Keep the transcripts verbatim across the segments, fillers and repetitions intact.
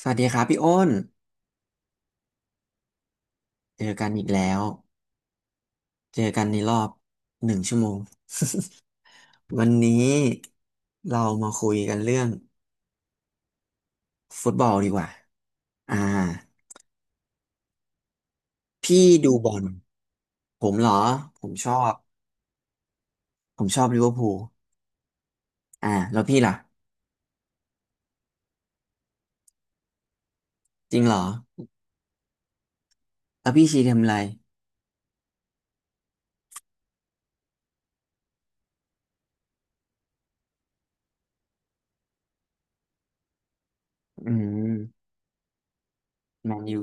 สวัสดีครับพี่อ้นเจอกันอีกแล้วเจอกันในรอบหนึ่งชั่วโมงวันนี้เรามาคุยกันเรื่องฟุตบอลดีกว่าอ่าพี่ดูบอลผมเหรอผมชอบผมชอบลิเวอร์พูลอ่าแล้วพี่ล่ะจริงเหรอแล้วพี่ชีทำอะไรอืมแมนยู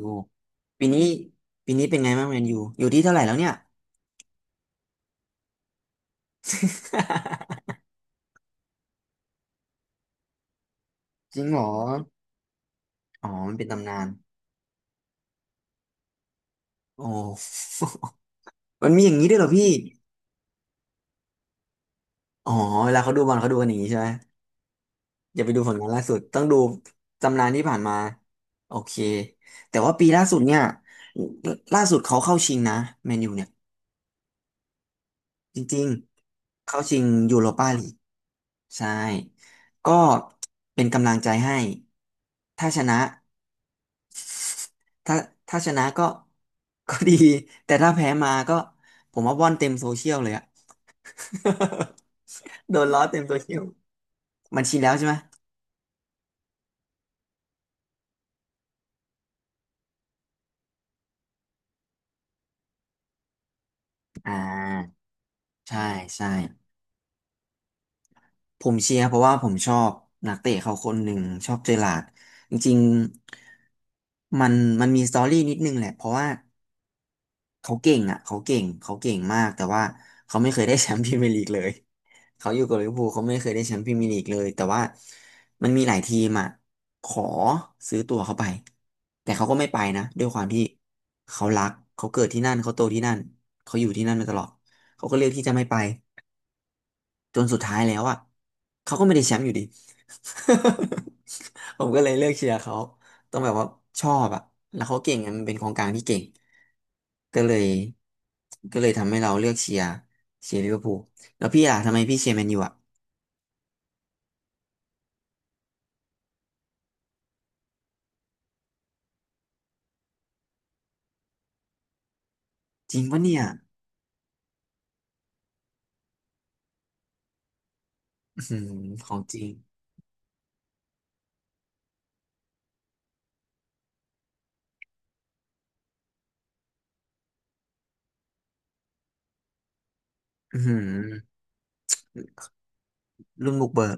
ปีนี้ปีนี้เป็นไงบ้างแมนยูอยู่ที่เท่าไหร่แล้วเนี่ย จริงเหรออ๋อมันเป็นตำนานโอ้ มันมีอย่างนี้ด้วยเหรอพี่ อ๋อเวลาเขาดูบอลเขาดูกันอย่างนี้ใช่ไหมอย่าไปดูผลงานล่าสุดต้องดูตำนานที่ผ่านมาโอเคแต่ว่าปีล่าสุดเนี่ยล่าสุดเขาเข้าชิงนะแมนยูเนี่ยจริงๆเข้าชิงยูโรปาลีกใช่ก็เป็นกำลังใจให้ถ้าชนะถ้าถ้าชนะก็ก็ดีแต่ถ้าแพ้มาก็ผมว่าว่อนเต็มโซเชียลเลยอะ โดนล้อเต็มโซเชียลมันชินแล้วใช่ไหมอ่าใช่ใช่ ผมเชียร์เพราะว่าผมชอบนักเตะเขาคนหนึ่งชอบเจอร์ราร์ดจริงๆมันมันมีสตอรี่นิดนึงแหละเพราะว่าเขาเก่งอ่ะเขาเก่งเขาเก่งมากแต่ว่าเขาไม่เคยได้แชมป์พรีเมียร์ลีกเลยเขาอยู่กับลิเวอร์พูลเขาไม่เคยได้แชมป์พรีเมียร์ลีกเลยแต่ว่ามันมีหลายทีมอ่ะขอซื้อตัวเขาไปแต่เขาก็ไม่ไปนะด้วยความที่เขารักเขาเกิดที่นั่นเขาโตที่นั่นเขาอยู่ที่นั่นมาตลอดเขาก็เลือกที่จะไม่ไป จนสุดท้ายแล้วอ่ะเขาก็ไม่ได้แชมป์อยู่ดี ผมก็เลยเลือกเชียร์เขาต้องแบบว่าชอบอ่ะแล้วเขาเก่งอะมันเป็นกองกลางที่เก่งก็เลยก็เลยทำให้เราเลือกเชียร์เชียร์ลิเวอร์พูลแล้วพี่อ่ะทำไมพี่เชียร์แมนยูอ่ะจริงปะเนี่ยอือหือของจริงอือหือรุ่นบุกเบิก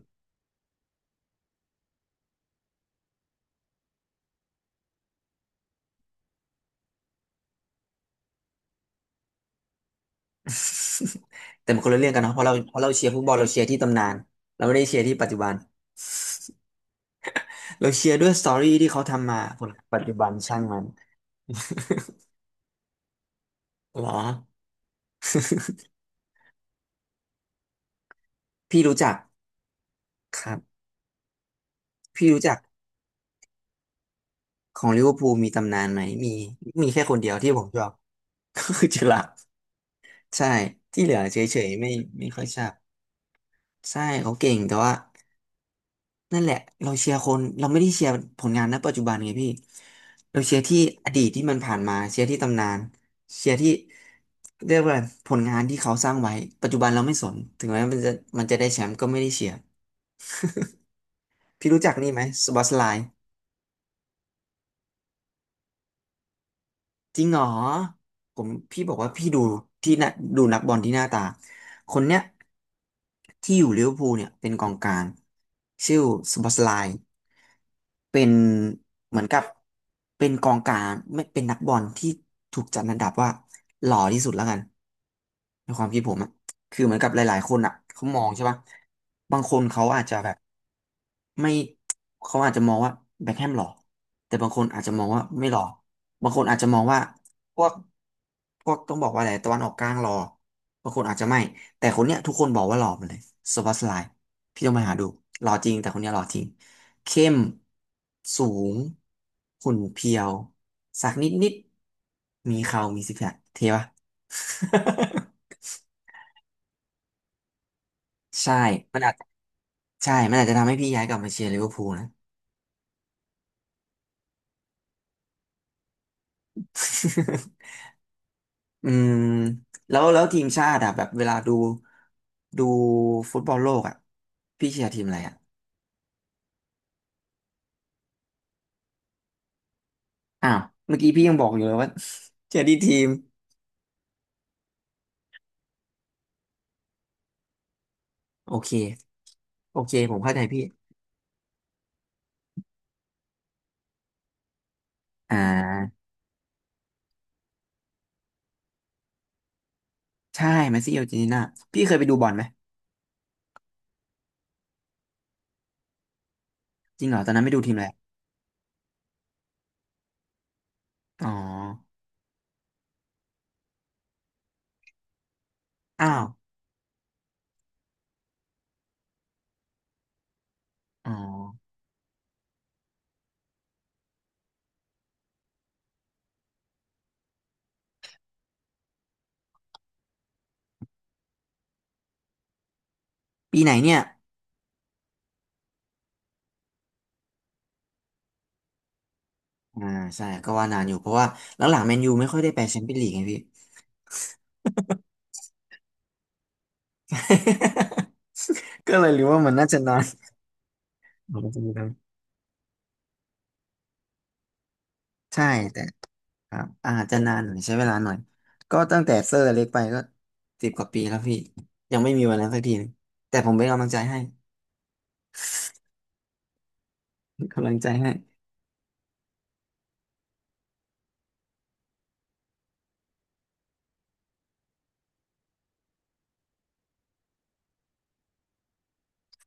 แต่มันคนละเรื่องกันเนาะเพราะเราเพราะเราเชียร์ฟุตบอลเราเชียร์ที่ตำนานเราไม่ได้เชียร์ที่ปัจจุบันเราเชียร์ด้วยสตอรี่ที่เขาทำมาผลงานปัจจุบันช่างมันเหรอ พี่รู้จักครับพี่รู้จักของลิเวอร์พูลมีตำนานไหมมีมีแค่คนเดียวที่ผมชอบ ก็คือเจอร์ราร์ดใช่ที่เหลือเฉยๆไม่ไม่ค่อยชอบใช่เขาเก่งแต่ว่านั่นแหละเราเชียร์คนเราไม่ได้เชียร์ผลงานณปัจจุบันไงพี่เราเชียร์ที่อดีตที่มันผ่านมาเชียร์ที่ตำนานเชียร์ที่เรียกว่าผลงานที่เขาสร้างไว้ปัจจุบันเราไม่สนถึงแม้มันจะมันจะได้แชมป์ก็ไม่ได้เชียร์พี่รู้จักนี่ไหมสบอสไลน์ จริงเหรอผมพี่บอกว่าพี่ดูที่น่ะดูนักบอลที่หน้าตาคนเนี้ยที่อยู่ลิเวอร์พูลเนี่ยเป็นกองกลางชื่อสบอสไลน์เป็นเหมือนกับเป็นกองกลางไม่เป็นนักบอลที่ถูกจัดอันดับว่าหล่อที่สุดแล้วกันในความคิดผมอะ คือเหมือนกับหลายๆคนอ่ะเขามองใช่ปะบางคนเขาอาจจะแบบไม่เขาอาจจะมองว่าแบ็คแฮมหล่อแต่บางคนอาจจะมองว่าไม่หล่อบางคนอาจจะมองว่าพวกพวกต้องบอกว่าอะไรตะวันออกกลางหล่อบางคนอาจจะไม่แต่คนเนี้ยทุกคนบอกว่าหล่อหมดเลยโซบาสไลน์พี่ต้องไปหาดูหล่อจริงแต่คนเนี้ยหล่อจริงเข้มสูงหุ่นเพรียวสักนิดนิดมีเขามีซิกแพคเท่ปะ ใช่มันอาจ ใช่มันอาจจะทำให้พี่ย้ายกลับมาเชียร์ลิเวอร์พูลนะ อืมแล้วแล้วทีมชาติอะแบบเวลาดูดูฟุตบอลโลกอะพี่เชียร์ทีมอะไรอะอ้าวเมื่อกี้พี่ยังบอกอยู่เลยว่า เชียร์ที่ทีมโอเคโอเคผมเข้าใจพี่อ่าใช่แมสซี่อาร์เจนตินาพี่เคยไปดูบอลไหมจริงเหรอตอนนั้นไม่ดูทีมอะไรอ๋ออ้าวอ๋อปีไหนเนี่ยอ่าใช่ก็ว่านานอยู่เพราะว่าหลังๆแมนยูไม่ค่อยได้ไปแชมเปี้ยนลีกไงพี่ ก็เลยรู้ว่ามันน่าจะนาน อ๋อมันจะมีทั้งใช่แต่ครับอาจจะนานหน่อยใช้เวลาหน่อยก็ตั้งแต่เซอร์เล็กไปก็สิบกว่าปีแล้วพี่ยังไม่มีวันนั้นสักทีหนึงแต่ผมเป็นกำลังใจให้เป็นกำลังใจให้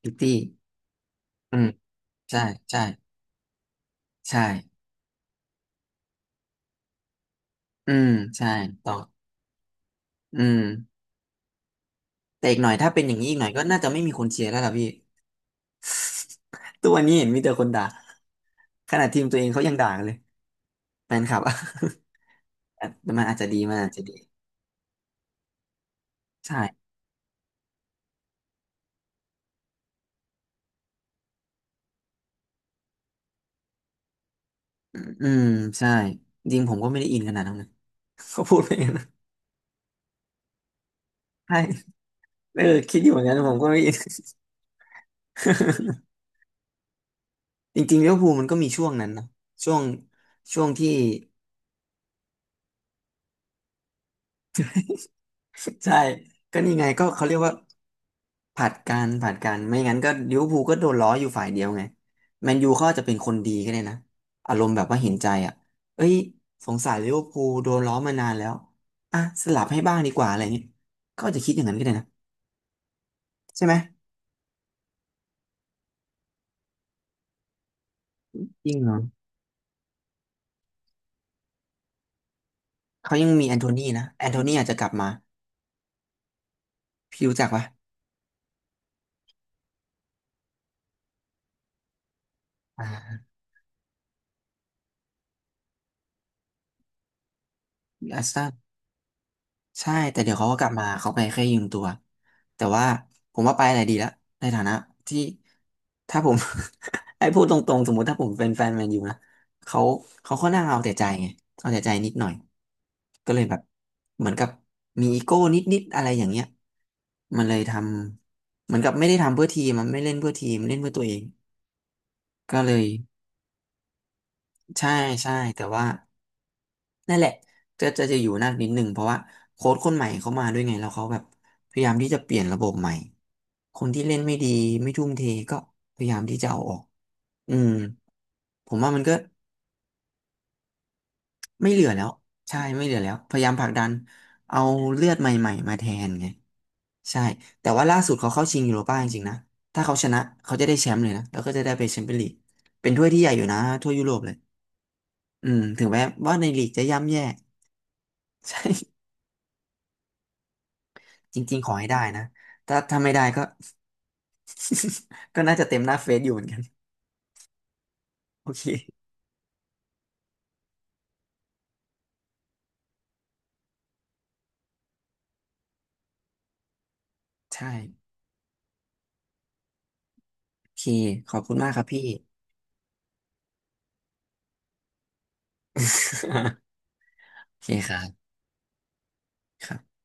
พิตตี้อืมใช่ใช่ใช่อืมใช่ต่ออืมแต่อีกหน่อยถ้าเป็นอย่างนี้อีกหน่อยก็น่าจะไม่มีคนเชียร์แล้วล่ะพี่ ตัวนนี้เห็นมีแต่คนด่าขนาดทีมตัวเองเขายังด่ากันเลยแฟนคลับอะ แต่มันอาจจะดีมันอาจจะดีใช่ อืมใช่จริงผมก็ไม่ได้อินขนาดนั้นนะ ก็พูดไปอย่างนั้นนะใช่เออคิดอยู่เหมือนกันผมก็ไม่อิน จริงๆลิเวอร์พูลมันก็มีช่วงนั้นนะช่วงช่วงที่ ใช่ก็นี่ไงก็เขาเรียกว่าผลัดกันผลัดกันไม่งั้นก็ลิเวอร์พูลก็โดนล้ออยู่ฝ่ายเดียวไงแมนยูเขาอาจจะเป็นคนดีก็ได้นะอารมณ์แบบว่าเห็นใจอ่ะเอ้ยสงสารลิเวอร์พูลโดนล้อมานานแล้วอ่ะสลับให้บ้างดีกว่าอะไรเงี้ยก็อาจจะคิดอย่างนั้นก็ได้นะใช่ไหมจริงเหรอ เขายังมีแอนโทนีนะแอนโทนีอาจจะกลับมาพี่รู้จักปะอ่าอาร์เซนอลใช่แต่เดี๋ยวเขาก็กลับมาเขาไปแค่ยืมตัวแต่ว่าผมว่าไปอะไรดีแล้วในฐานะที่ถ้าผม ไอ้พูดตรงๆสมมุติถ้าผมเป็นแฟนแมนยูนะเขาเขาค่อนข้างเอาแต่ใจไงเอาแต่ใจนิดหน่อยก็เลยแบบเหมือนกับมีอีโก้นิดๆอะไรอย่างเงี้ยมันเลยทำเหมือนกับไม่ได้ทำเพื่อทีมมันไม่เล่นเพื่อทีมเล่นเพื่อตัวเองก็เลยใช่ใช่แต่ว่า นั่นแหละจะจะจะอยู่นั่นนิดนึงเพราะว่าโค้ชคนใหม่เขามาด้วยไงแล้วเขาแบบพยายามที่จะเปลี่ยนระบบใหม่คนที่เล่นไม่ดีไม่ทุ่มเทก็พยายามที่จะเอาออกอืมผมว่ามันก็ไม่เหลือแล้วใช่ไม่เหลือแล้วพยายามผลักดันเอาเลือดใหม่ๆมาแทนไงใช่แต่ว่าล่าสุดเขาเข้าชิงยูโรป้าจริงๆนะถ้าเขาชนะเขาจะได้แชมป์เลยนะแล้วก็จะได้ไปแชมเปี้ยนลีกเป็นถ้วยที่ใหญ่อยู่นะถ้วยยุโรปเลยอืมถึงแม้ว่าในลีกจะย่ำแย่ ใช่ จริงๆขอให้ได้นะ ถ้าถ้าไม่ได้ก็ ก็น่าจะเต็มหน้าเฟซอยู่เหมือนกัน โอเค ใช่โอเคขอบคุณมากครับพี่ โอเคครับครับ